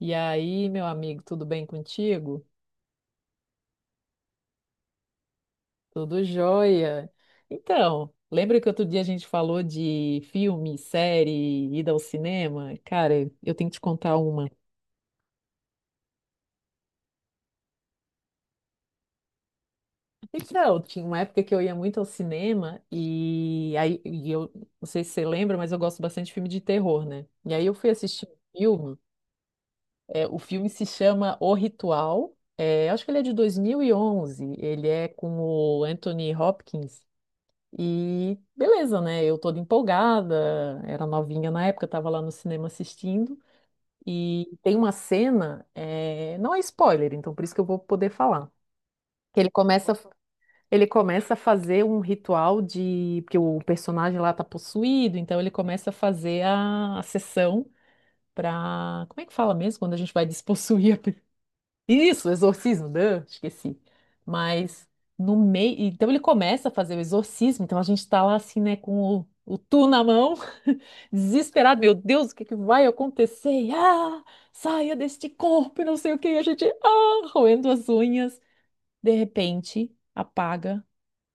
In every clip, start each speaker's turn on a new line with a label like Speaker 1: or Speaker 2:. Speaker 1: E aí, meu amigo, tudo bem contigo? Tudo jóia. Então, lembra que outro dia a gente falou de filme, série, ida ao cinema? Cara, eu tenho que te contar uma. Então, tinha uma época que eu ia muito ao cinema e eu não sei se você lembra, mas eu gosto bastante de filme de terror, né? E aí eu fui assistir um filme. É, o filme se chama O Ritual. É, acho que ele é de 2011. Ele é com o Anthony Hopkins. E beleza, né? Eu toda empolgada, era novinha na época, estava lá no cinema assistindo. E tem uma cena, não é spoiler, então por isso que eu vou poder falar. que Ele começa, ele começa a fazer um ritual de, porque o personagem lá tá possuído, então ele começa a fazer a sessão para, como é que fala mesmo quando a gente vai despossuir isso, exorcismo, né? Esqueci. Mas no meio. Então ele começa a fazer o exorcismo, então a gente tá lá assim, né, com o tu na mão, desesperado, meu Deus, o que é que vai acontecer? E, ah, saia deste corpo, e não sei o que, e a gente, ah, roendo as unhas. De repente, apaga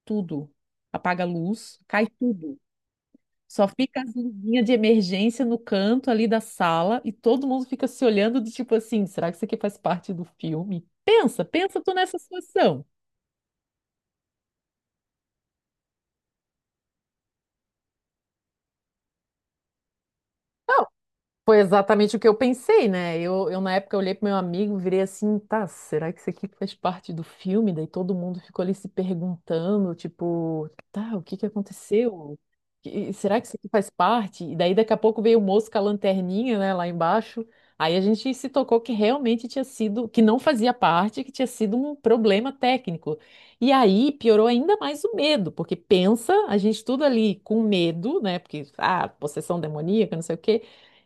Speaker 1: tudo. Apaga a luz, cai tudo. Só fica as luzinhas de emergência no canto ali da sala e todo mundo fica se olhando do tipo assim, será que isso aqui faz parte do filme? Pensa, pensa tu nessa situação. Foi exatamente o que eu pensei, né? Eu na época olhei pro meu amigo, virei assim, tá, será que isso aqui faz parte do filme? Daí todo mundo ficou ali se perguntando, tipo, tá, o que que aconteceu? E será que isso aqui faz parte? E daí daqui a pouco veio o moço com a lanterninha, né, lá embaixo. Aí a gente se tocou que realmente tinha sido, que não fazia parte, que tinha sido um problema técnico. E aí piorou ainda mais o medo, porque pensa, a gente tudo ali com medo, né? Porque, ah, possessão demoníaca, não sei o quê.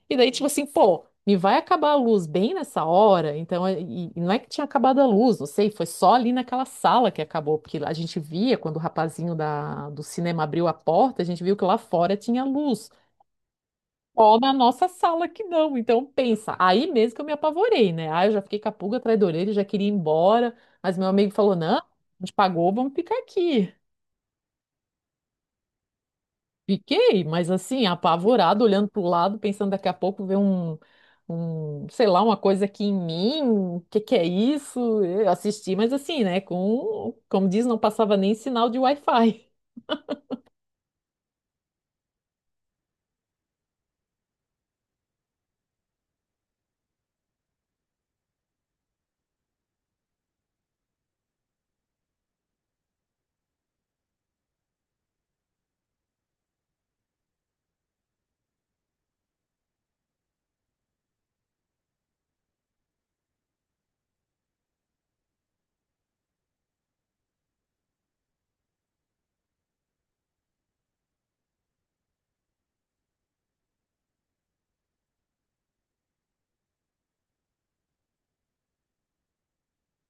Speaker 1: E daí, tipo assim, pô, me vai acabar a luz bem nessa hora? Então, é, e não é que tinha acabado a luz, não sei, foi só ali naquela sala que acabou, porque a gente via quando o rapazinho da, do cinema abriu a porta, a gente viu que lá fora tinha luz. Ó, na nossa sala que não. Então, pensa, aí mesmo que eu me apavorei, né? Ah, eu já fiquei com a pulga atrás da orelha, já queria ir embora, mas meu amigo falou: não, a gente pagou, vamos ficar aqui. Fiquei, mas assim, apavorado, olhando para o lado, pensando daqui a pouco ver um, sei lá, uma coisa aqui em mim, o que que é isso? Eu assisti, mas assim, né, com, como diz, não passava nem sinal de Wi-Fi.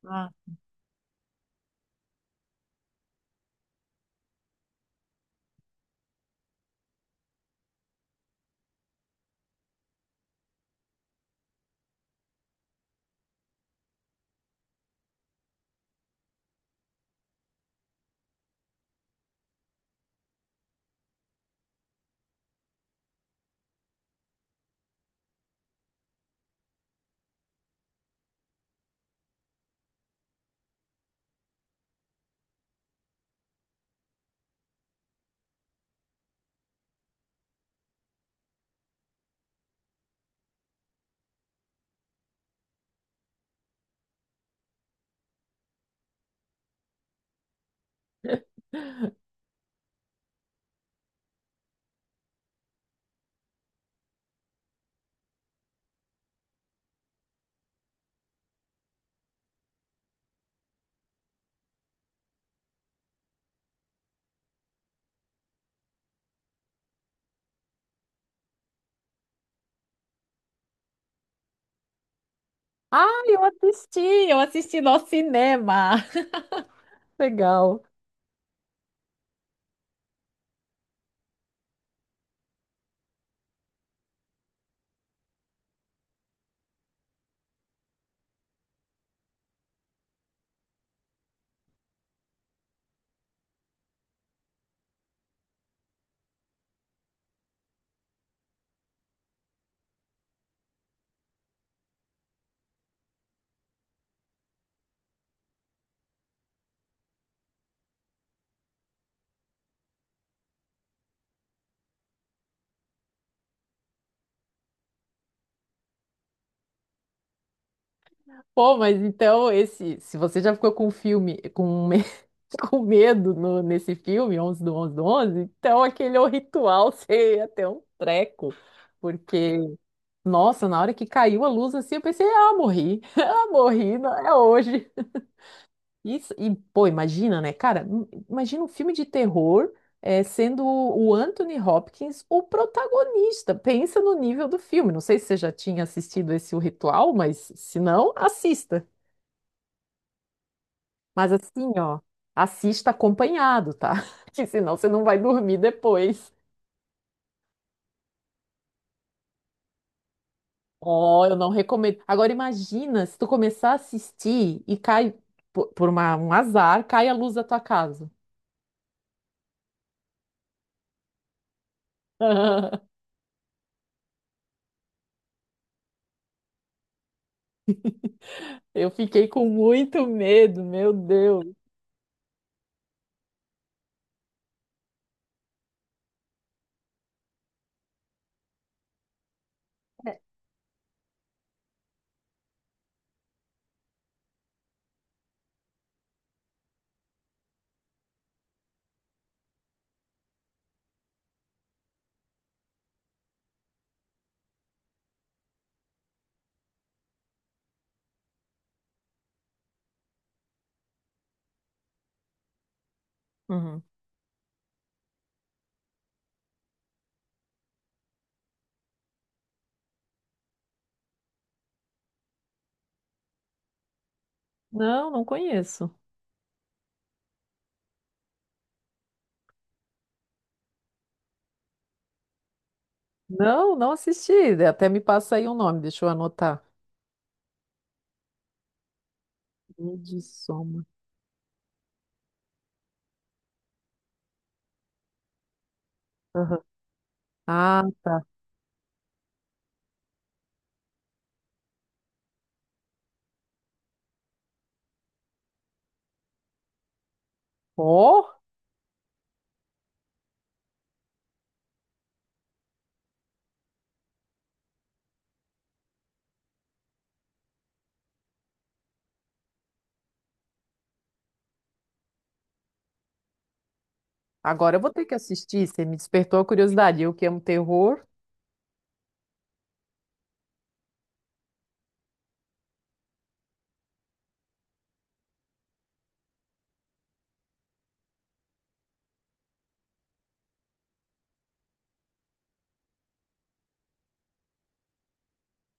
Speaker 1: Ah, ah, eu assisti no cinema. Legal. Pô, mas então esse, se você já ficou com um filme, com, com medo nesse filme, 11, do 11, então aquele é o ritual, você ia ter um treco, porque nossa, na hora que caiu a luz assim, eu pensei, ah, morri, ah, morri, não, é hoje. Isso, e, pô, imagina, né, cara, imagina um filme de terror sendo o Anthony Hopkins o protagonista. Pensa no nível do filme. Não sei se você já tinha assistido esse O Ritual, mas se não, assista. Mas assim, ó, assista acompanhado, tá? Que senão você não vai dormir depois. Ó, eu não recomendo. Agora imagina se tu começar a assistir e cai um azar, cai a luz da tua casa. Eu fiquei com muito medo, meu Deus. Uhum. Não, não conheço. Não, não assisti. Até me passa aí o nome, deixa eu anotar. Midsommar. Aham. Ah, tá. Ó, agora eu vou ter que assistir. Você me despertou a curiosidade. Eu que amo terror.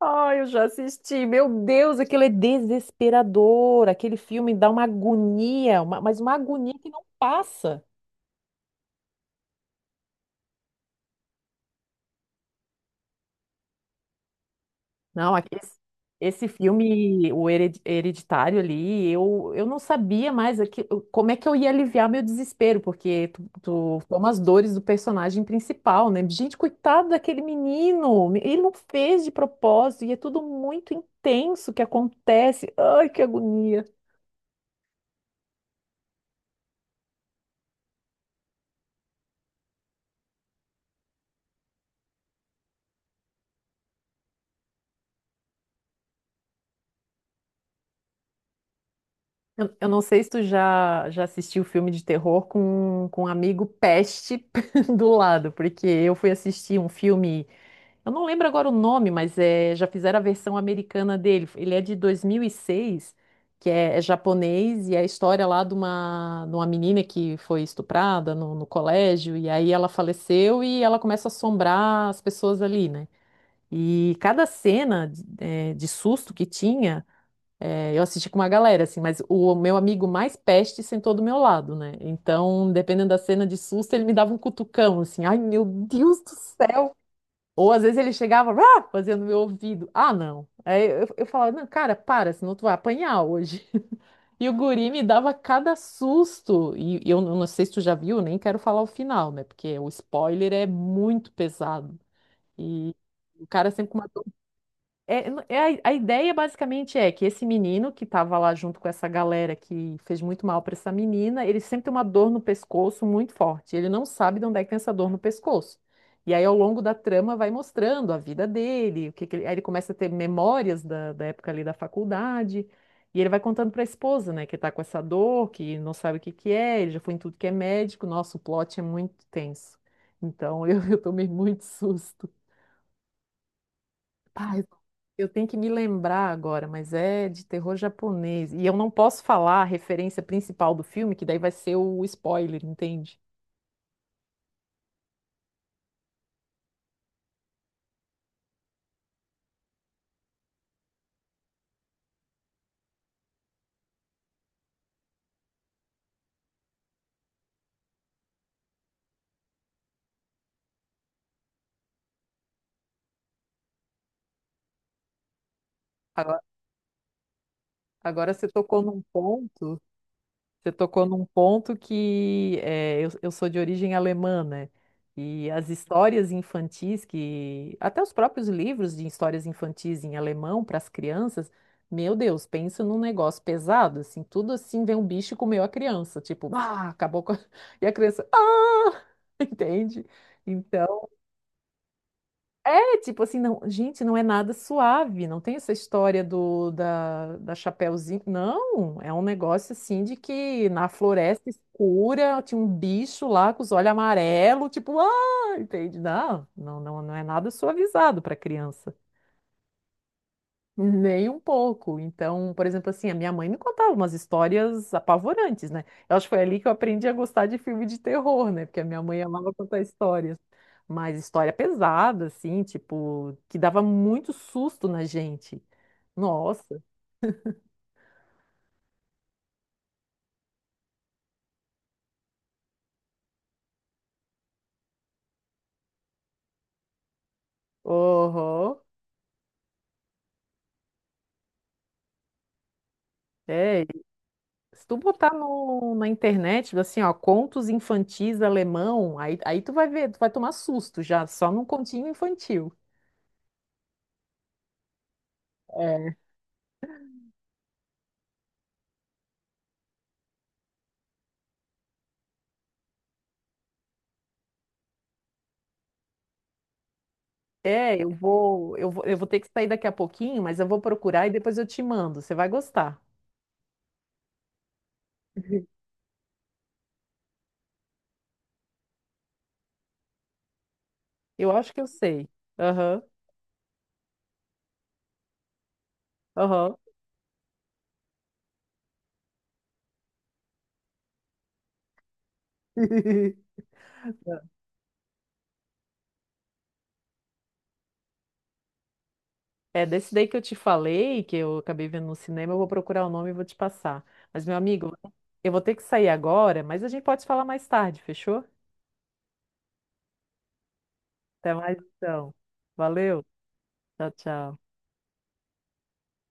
Speaker 1: Ai, eu já assisti. Meu Deus, aquilo é desesperador. Aquele filme dá uma agonia, mas uma agonia que não passa. Não, esse filme, o Hereditário ali, eu não sabia mais aqui, como é que eu ia aliviar meu desespero, porque tu toma as dores do personagem principal, né? Gente, coitado daquele menino. Ele não fez de propósito e é tudo muito intenso que acontece. Ai, que agonia. Eu não sei se tu já assistiu filme de terror com um amigo peste do lado, porque eu fui assistir um filme, eu não lembro agora o nome, mas é, já fizeram a versão americana dele. Ele é de 2006, que é, é japonês, e é a história lá de uma menina que foi estuprada no colégio, e aí ela faleceu e ela começa a assombrar as pessoas ali, né? E cada cena de de susto que tinha. É, eu assisti com uma galera, assim, mas o meu amigo mais peste sentou do meu lado, né? Então, dependendo da cena de susto, ele me dava um cutucão, assim, ai meu Deus do céu! Ou às vezes ele chegava, ah, fazendo meu ouvido, ah, não. Aí eu falava, não, cara, para, senão tu vai apanhar hoje. E o guri me dava cada susto, e eu não sei se tu já viu, nem quero falar o final, né? Porque o spoiler é muito pesado. E o cara sempre com uma é, é a ideia basicamente é que esse menino que estava lá junto com essa galera que fez muito mal para essa menina, ele sempre tem uma dor no pescoço muito forte. Ele não sabe de onde é que tem essa dor no pescoço. E aí, ao longo da trama, vai mostrando a vida dele, o que que ele, aí ele começa a ter memórias da época ali da faculdade. E ele vai contando para a esposa, né, que está com essa dor, que não sabe o que que é, ele já foi em tudo que é médico. Nossa, o plot é muito tenso. Então, eu, eu tomei muito susto. Pai, eu tenho que me lembrar agora, mas é de terror japonês. E eu não posso falar a referência principal do filme, que daí vai ser o spoiler, entende? Agora, agora você tocou num ponto. Você tocou num ponto que eu sou de origem alemã, né? E as histórias infantis que, até os próprios livros de histórias infantis em alemão para as crianças, meu Deus, pensa num negócio pesado, assim, tudo assim vem um bicho e comeu a criança, tipo, ah, acabou com a... E a criança, ah, entende? Então, é, tipo assim, não, gente, não é nada suave, não tem essa história do da Chapeuzinho, não, é um negócio assim de que na floresta escura tinha um bicho lá com os olhos amarelos, tipo, ah, entende? Não, não, não, não é nada suavizado para criança. Nem um pouco. Então, por exemplo, assim, a minha mãe me contava umas histórias apavorantes, né? Eu acho que foi ali que eu aprendi a gostar de filme de terror, né? Porque a minha mãe amava contar histórias. Mas história pesada, assim, tipo, que dava muito susto na gente. Nossa, uhum. É, se tu botar no, na internet, assim, ó, contos infantis alemão, aí tu vai ver, tu vai tomar susto já, só num continho infantil. É. É, eu vou ter que sair daqui a pouquinho, mas eu vou procurar e depois eu te mando. Você vai gostar. Eu acho que eu sei. Aham, aham. É, desse daí que eu te falei, que eu acabei vendo no cinema, eu vou procurar o nome e vou te passar. Mas, meu amigo, eu vou ter que sair agora, mas a gente pode falar mais tarde, fechou? Até mais então. Valeu. Tchau, tchau.